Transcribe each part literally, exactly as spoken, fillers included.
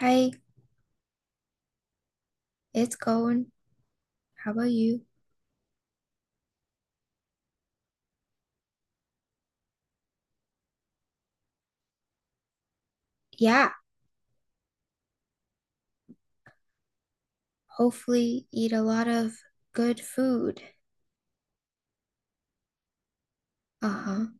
Hi, it's going. How about you? Yeah, hopefully eat a lot of good food. Uh-huh.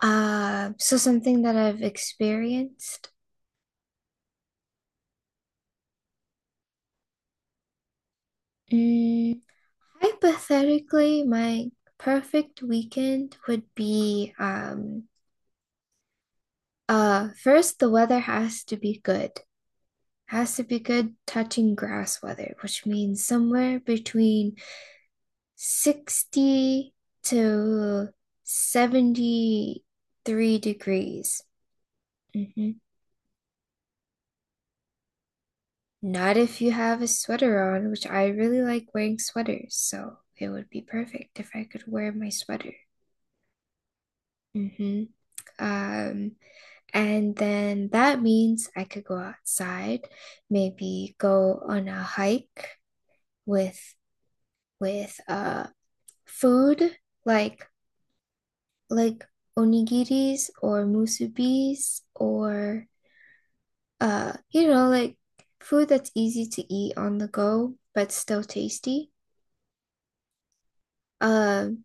Uh, so something that I've experienced. Mm, Hypothetically, my perfect weekend would be um uh first the weather has to be good. Has to be good touching grass weather, which means somewhere between sixty to seventy-three degrees. Hmm. Not if you have a sweater on, which I really like wearing sweaters, so it would be perfect if I could wear my sweater. Hmm. Um, and then that means I could go outside, maybe go on a hike with with uh food like like onigiris or musubis or uh, you know, like food that's easy to eat on the go, but still tasty. Um,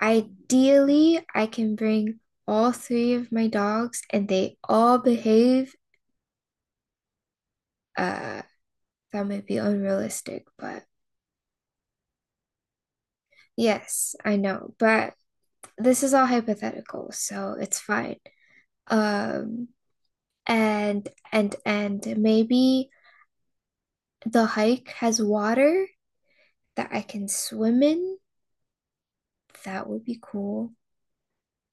Ideally, I can bring all three of my dogs and they all behave. Uh, that might be unrealistic, but yes, I know. But this is all hypothetical, so it's fine. Um, and and and maybe the hike has water that I can swim in. That would be cool.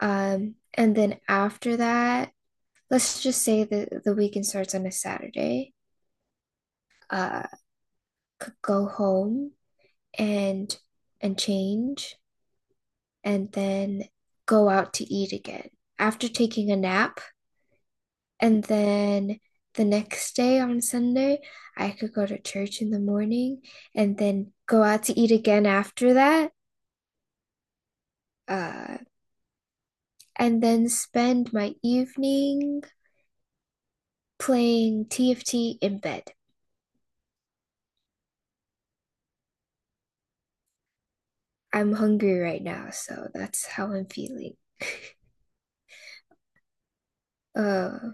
Um, and then after that, let's just say that the weekend starts on a Saturday. Uh, could go home and and change and then go out to eat again after taking a nap. And then the next day on Sunday, I could go to church in the morning and then go out to eat again after that. Uh, and then spend my evening playing T F T in bed. I'm hungry right now, so that's how I'm feeling. Uh,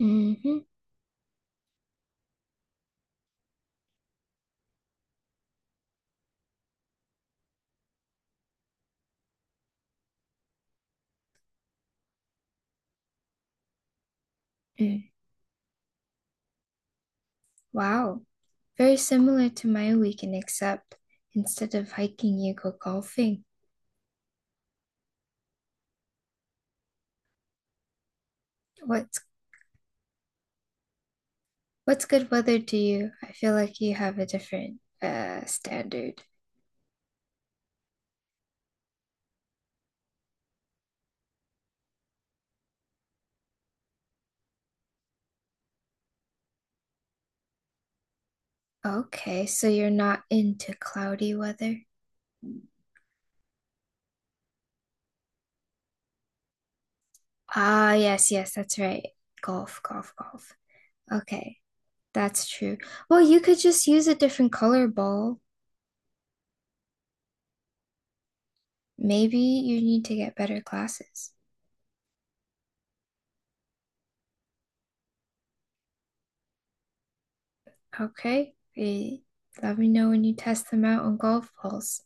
mm-hmm. Mm. Wow. Very similar to my weekend, except instead of hiking, you go golfing. What's what's good weather to you? I feel like you have a different uh standard. Okay, so you're not into cloudy weather? Ah, yes, yes, that's right. Golf, golf, golf. Okay, that's true. Well, you could just use a different color ball. Maybe you need to get better glasses. Okay. Eh, Let me know when you test them out on golf balls.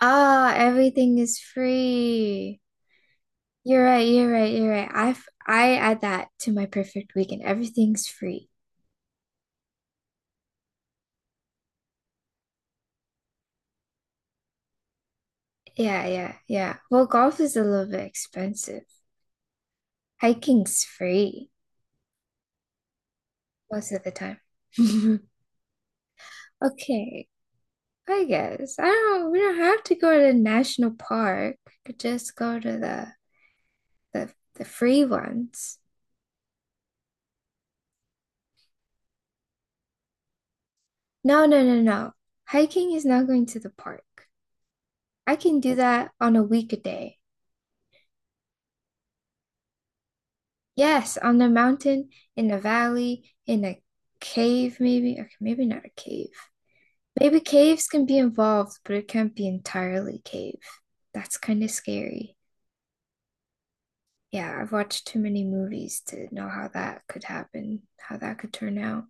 Ah, everything is free. You're right, you're right, you're right. I f- I add that to my perfect weekend. Everything's free. Yeah, yeah, yeah. Well, golf is a little bit expensive. Hiking's free most of the time. Okay, I guess. I don't, We don't have to go to the national park. We could just go to the the the free ones. No, no, no, no. Hiking is not going to the park. I can do that on a weekday. Yes, on the mountain, in a valley, in a cave, maybe. Okay, maybe not a cave. Maybe caves can be involved, but it can't be entirely cave. That's kind of scary. Yeah, I've watched too many movies to know how that could happen, how that could turn out.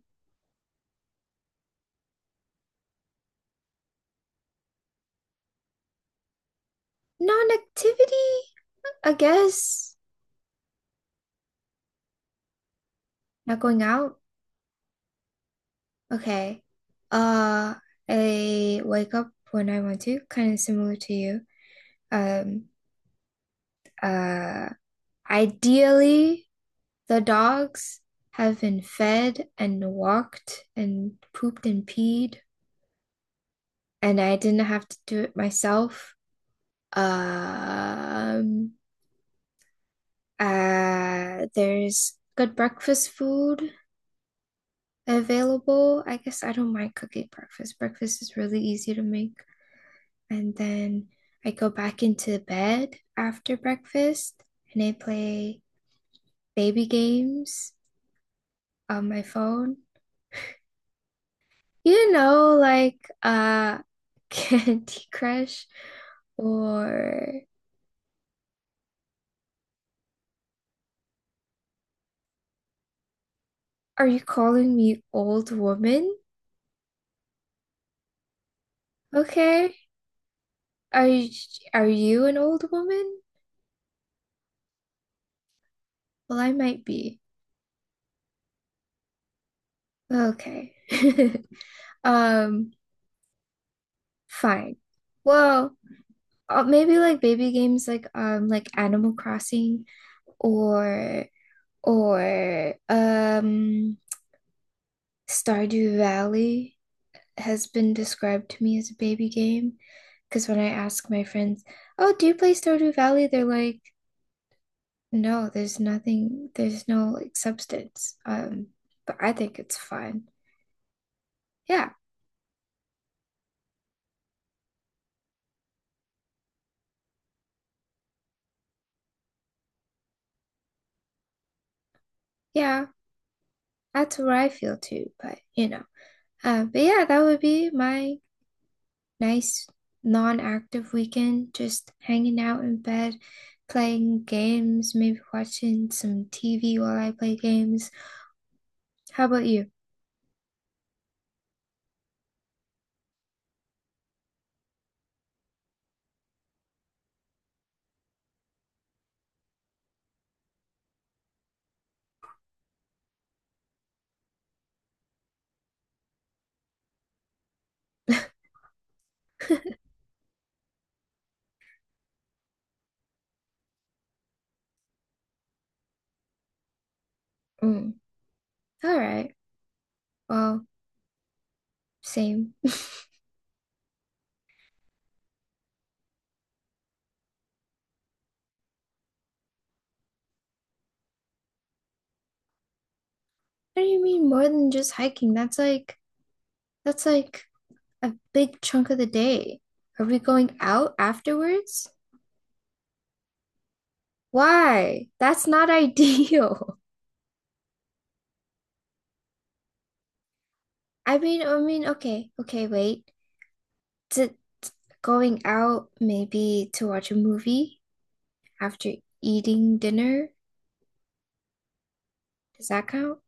Non-activity, I guess. Not going out. Okay. Uh, I wake up when I want to, kind of similar to you. Um, uh, Ideally, the dogs have been fed and walked and pooped and peed, and I didn't have to do it myself. Um, uh, there's good breakfast food available. I guess I don't mind cooking breakfast. Breakfast is really easy to make. And then I go back into bed after breakfast and I play baby games on my phone. You know, like uh Candy Crush or are you calling me old woman? Okay. Are you are you an old woman? Well, I might be. Okay. Um, Fine. Well, Uh, maybe like baby games like um like Animal Crossing or or um Stardew Valley has been described to me as a baby game because when I ask my friends, "Oh, do you play Stardew Valley?" they're like, "No, there's nothing, there's no like substance." Um, but I think it's fun. Yeah, yeah, that's what I feel too, but you know. Uh, but yeah, that would be my nice non-active weekend, just hanging out in bed, playing games, maybe watching some T V while I play games. How about you? Mm. All right. Well, same. What do you mean more than just hiking? That's like that's like a big chunk of the day. Are we going out afterwards? Why? That's not ideal. I mean, I mean, okay, okay, wait. Is it going out maybe to watch a movie? After eating dinner. Does that count?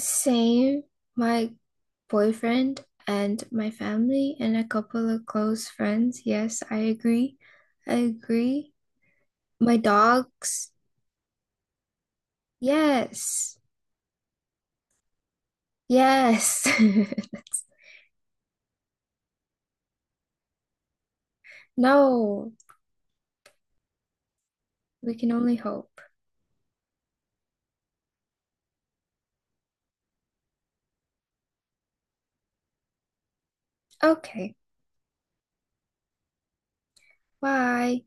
Same, my boyfriend and my family and a couple of close friends. Yes, I agree. I agree. My dogs. Yes. Yes. No, we can only hope. Okay, bye.